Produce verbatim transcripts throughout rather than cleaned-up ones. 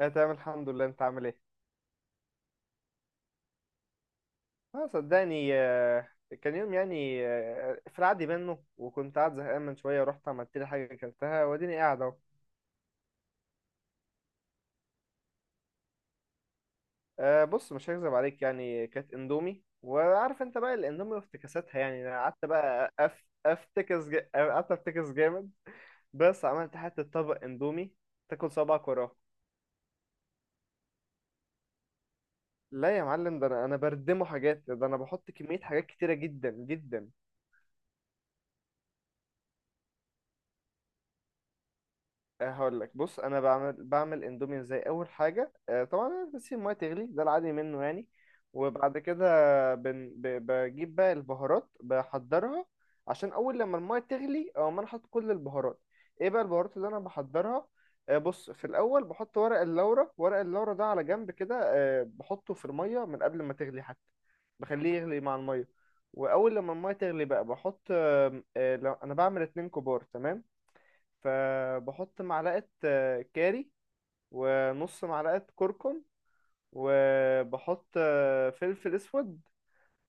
انا تمام الحمد لله، انت عامل ايه؟ اه صدقني. آه، كان يوم يعني آه، في العادي منه، وكنت قاعد زهقان من شويه، ورحت عملت لي حاجه اكلتها، واديني قاعد اهو. آه، بص، مش هكذب عليك، يعني كانت اندومي، وعارف انت بقى الاندومي وافتكاساتها. يعني انا قعدت بقى أف... افتكس ج... قعدت افتكس جامد. بس عملت حته طبق اندومي تاكل صباعك وراه. لا يا معلم، ده انا انا بردمه حاجات، ده انا بحط كميه حاجات كتيره جدا جدا. آه، هقول لك. بص، انا بعمل بعمل اندومي ازاي؟ اول حاجه، آه، طبعا أنا بسيب الميه تغلي، ده العادي منه يعني. وبعد كده بن ب- بجيب بقى البهارات بحضرها، عشان اول لما الميه تغلي او ما، انا احط كل البهارات. ايه بقى البهارات اللي انا بحضرها؟ آه، بص، في الاول بحط ورق اللورا. ورق اللورا ده على جنب كده، آه، بحطه في الميه من قبل ما تغلي حتى، بخليه يغلي مع الميه. واول لما الميه تغلي بقى بحط، آم، آه، لو- انا بعمل اتنين كبار تمام. فبحط معلقة آه، كاري، ونص معلقة كركم، وبحط آه، فلفل اسود،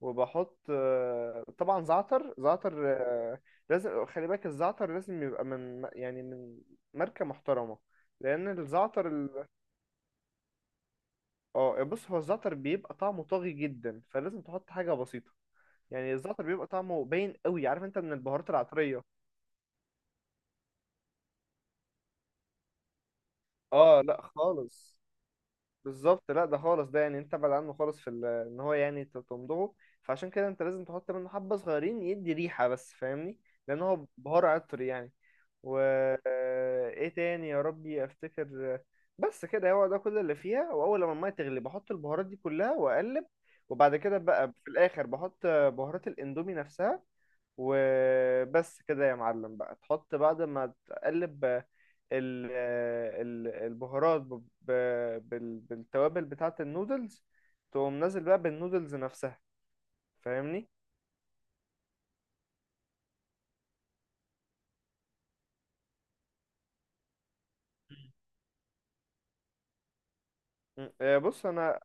وبحط آه، طبعا زعتر. زعتر آه، لازم، خلي بالك الزعتر لازم يبقى من يعني من ماركة محترمة، لأن الزعتر ال... اه بص، هو الزعتر بيبقى طعمه طاغي جدا، فلازم تحط حاجة بسيطة. يعني الزعتر بيبقى طعمه باين قوي، عارف انت، من البهارات العطرية. اه لا خالص. بالظبط، لا ده خالص، ده يعني انت ابعد عنه خالص في ال- ان هو يعني ت- تمضغه، فعشان كده انت لازم تحط منه حبة صغيرين يدي ريحة بس، فاهمني؟ لان هو بهار عطر يعني. و آه، ايه تاني يا ربي افتكر. آه، بس كده، هو ده كل اللي فيها. واول لما الميه تغلي بحط البهارات دي كلها واقلب. وبعد كده بقى في الاخر بحط آه، بهارات الاندومي نفسها. وبس كده يا معلم، بقى تحط، بعد ما تقلب ال- ال- البهارات ب- ب- بال- بالتوابل بتاعة النودلز، تقوم نازل بقى بالنودلز نفسها، فاهمني؟ م. آه، بص انا،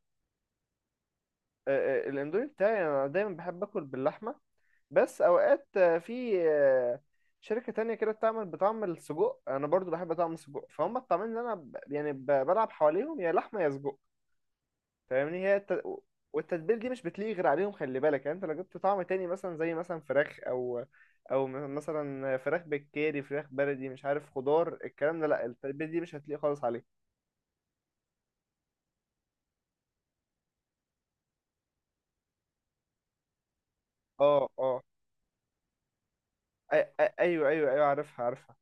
آه، آه، الاندومي بتاعي انا دايما بحب اكل باللحمة. بس اوقات آه، في آه، شركة تانية كده بتعمل بطعم السجق، انا برضو بحب طعم السجق. فهم الطعمين اللي انا ب- يعني ب- بلعب حواليهم، يا لحمة يا سجق. فاهمني؟ هي الت... والتتبيل دي مش بتليق غير عليهم، خلي بالك. يعني انت لو جبت طعم تاني، مثلا زي مثلا فراخ، او او م- مثلا فراخ بالكاري، فراخ بلدي، مش عارف، خضار، الكلام ده، لا، التتبيل دي مش هتليق خالص عليه. اه اه أي- أي- ايوه ايوه ايوه، عارفها عارفها.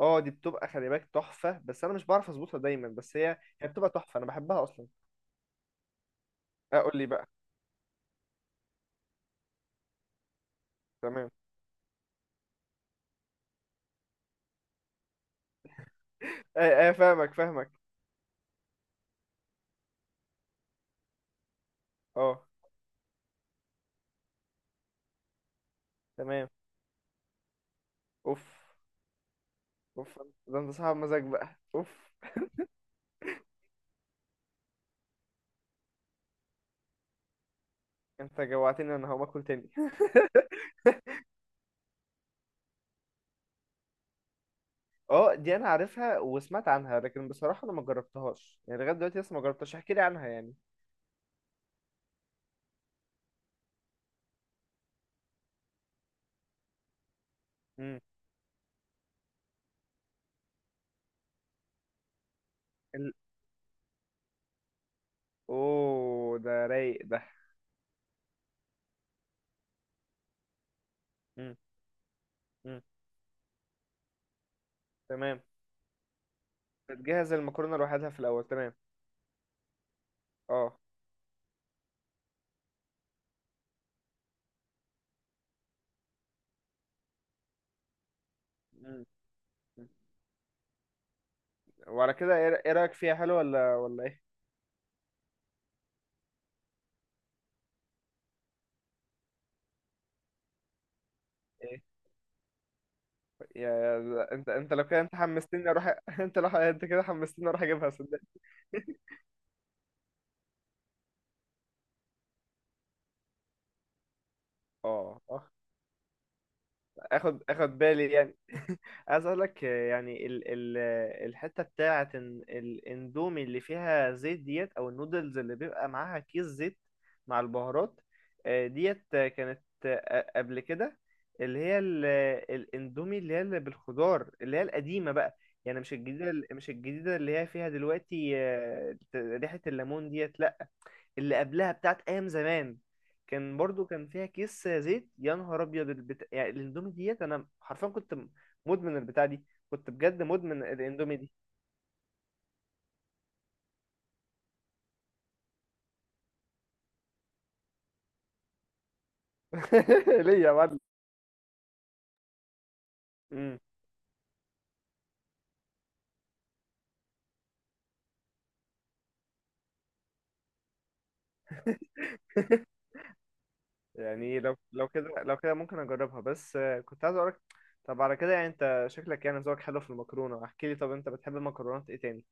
اه، دي بتبقى، خلي بالك، تحفة، بس انا مش بعرف اظبطها دايما. بس هي هي بتبقى تحفة، انا بحبها اصلا. اقول لي بقى. تمام. ايه ايه فاهمك فاهمك. اه تمام. اوف. اوف، ده انت صاحب مزاج بقى، اوف. انت جوعتني، انا هقوم اكل تاني. اه، دي انا عارفها وسمعت عنها، لكن بصراحة انا ما جربتهاش يعني، لغاية دلوقتي لسه ما جربتهاش. احكي لي عنها يعني. امم. ال... اوه، ده رايق ده. امم. امم. تمام. بتجهز المكرونة لوحدها في الاول، تمام. اه. امم. وعلى كده ايه؟ إيه رأيك فيها؟ حلو ولا ولا ايه؟ ايه؟ يا يا- انت انت لو كده انت حمستني اروح. انت لو انت كده حمستني اروح اجيبها، صدق. اه. اخد اخد بالي يعني. عايز اقول لك آه، يعني ال ال آه، الحته بتاعه، إن الاندومي اللي فيها زيت ديت، او النودلز اللي بيبقى معاها كيس زيت مع البهارات آه، ديت آه، كانت آه، قبل كده، اللي هي ال- آه، الاندومي اللي هي اللي بالخضار، اللي هي القديمه بقى. يعني مش الجديده، مش الجديده اللي هي فيها دلوقتي آه، ريحه الليمون ديت، لا، اللي قبلها بتاعت ايام زمان، كان برضو كان فيها كيس زيت. يا نهار ابيض، البت... يعني الاندومي ديت، انا حرفيا كنت مدمن البتاع دي، كنت بجد مدمن الاندومي دي. ليه يا معلم؟ امم. يعني لو لو كده لو كده ممكن اجربها، بس آه، كنت عايز اقولك. طب على كده يعني انت شكلك، يعني ذوقك حلو في المكرونه. احكي لي، طب انت بتحب المكرونات ايه تاني؟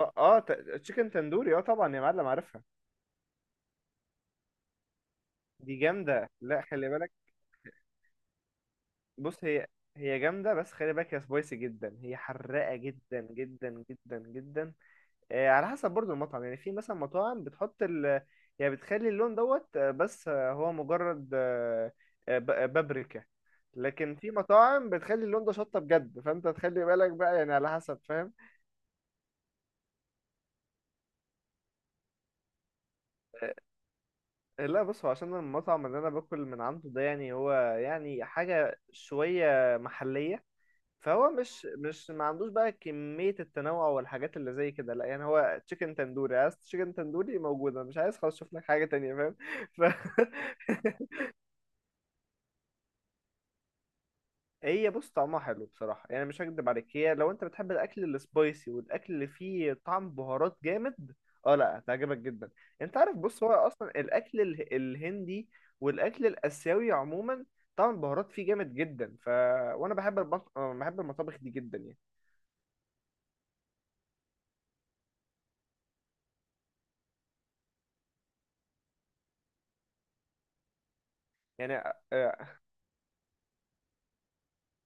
اه اه ت- تشيكن تندوري، اه طبعا يا معلم عارفها. دي جامده، لا خلي بالك. بص هي، هي جامدة بس خلي بالك، هي سبايسي جدا، هي حراقة جدا جدا جدا جدا. آه، على حسب برضو المطعم. يعني في مثلا مطاعم بتحط ال يعني بتخلي اللون دوت، آه، بس آه، هو مجرد آه، آه، ب- آه، بابريكا. لكن في مطاعم بتخلي اللون ده شطة بجد، فانت تخلي بالك بقى يعني، على حسب، فاهم؟ آه، لا بص، هو عشان المطعم اللي انا باكل من عنده ده، يعني هو يعني حاجة شوية محلية، فهو مش مش ما عندوش بقى كمية التنوع والحاجات اللي زي كده، لا. يعني هو تشيكن تندوري، عايز تشيكن تندوري موجودة، مش عايز خلاص شوف لك حاجة تانية، فاهم؟ ف... هي بص طعمها حلو بصراحة، يعني مش هكدب عليك. هي لو انت بتحب الأكل السبايسي والأكل اللي فيه طعم بهارات جامد، اه لا هتعجبك جدا. انت عارف، بص، هو أصلا الأكل ال- الهندي والأكل الآسيوي عموما، طعم البهارات فيه جامد جدا. ف وانا بحب المط... بحب المطابخ دي جدا يعني. يعني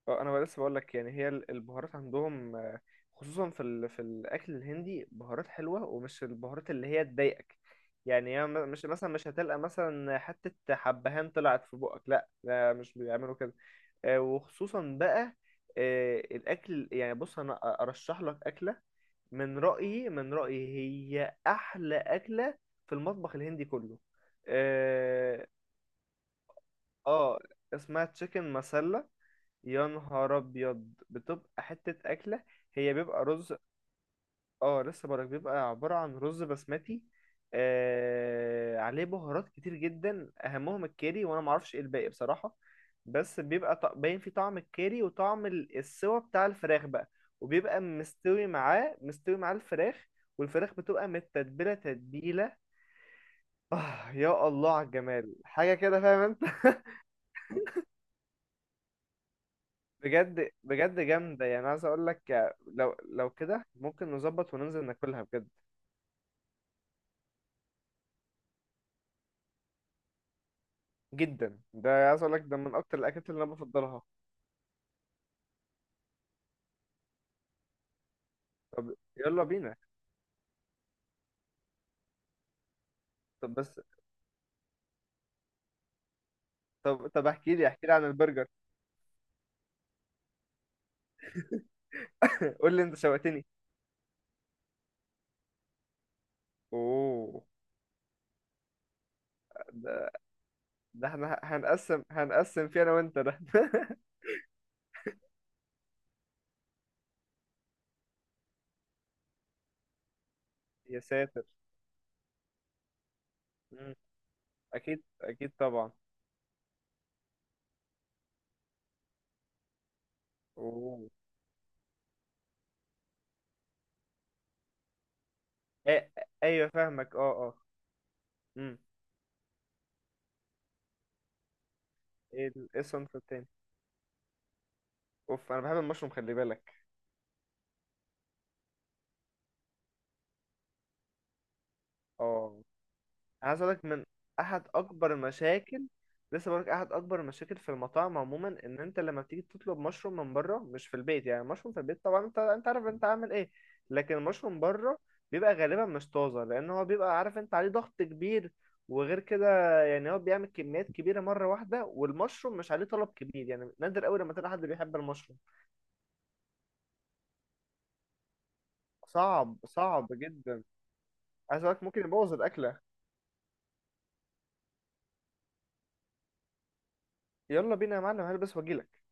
اه انا لسه بقول لك، يعني هي ال- البهارات عندهم آه، خصوصا في ال... في الاكل الهندي، بهارات حلوه ومش البهارات اللي هي تضايقك. يعني هي م- مش مثلا، مش هتلقى مثلا حته حبهان طلعت في بقك، لا لا، مش بيعملوا كده. آه، وخصوصا بقى آه، الاكل، يعني بص، انا أ- ارشح لك اكله. من رايي من رايي هي احلى اكله في المطبخ الهندي كله، آه، اه، اسمها تشيكن مسلة. يا نهار ابيض، بتبقى حتة اكلة. هي بيبقى رز، اه لسه بقولك، بيبقى عبارة عن رز بسمتي آه... عليه بهارات كتير جدا، اهمهم الكاري، وانا معرفش ايه الباقي بصراحة. بس بيبقى ط... باين فيه طعم الكاري وطعم ال- السوا بتاع الفراخ بقى، وبيبقى مستوي معاه مستوي معاه الفراخ، والفراخ بتبقى متتبلة تتبيلة. آه يا الله على الجمال، حاجة كده فاهم انت؟ بجد بجد جامدة، يعني عايز اقول لك، لو لو كده ممكن نظبط وننزل ناكلها بجد. جدا، ده عايز اقول لك، ده من اكتر الاكلات اللي انا بفضلها. طب يلا بينا. طب بس، طب طب احكي لي، احكي لي عن البرجر. قول لي، انت شوقتني. اوه. ده ده احنا هنقسم هنقسم فيه انا وانت ده. يا ساتر. مم. اكيد اكيد طبعا. اوه. أي... ايوه فاهمك. اه. اه. امم. ايه ال- إيه الصنف التاني؟ اوف، انا بحب المشروم خلي بالك. اه. أنا عايز أقولك من أحد أكبر المشاكل، لسه بقولك أحد أكبر المشاكل في المطاعم عموما، إن أنت لما بتيجي تطلب مشروم من بره، مش في البيت. يعني المشروم في البيت، طبعا أنت، أنت عارف أنت عامل إيه. لكن المشروم بره بيبقى غالبا مش طازة، لأن هو بيبقى، عارف أنت، عليه ضغط كبير. وغير كده، يعني هو بيعمل كميات كبيرة مرة واحدة، والمشروم مش عليه طلب كبير، يعني نادر أوي لما تلاقي حد بيحب المشروم. صعب، صعب جدا. عايز أقولك ممكن يبوظ الأكلة. يلا بينا يا معلم، هلبس وأجيلك.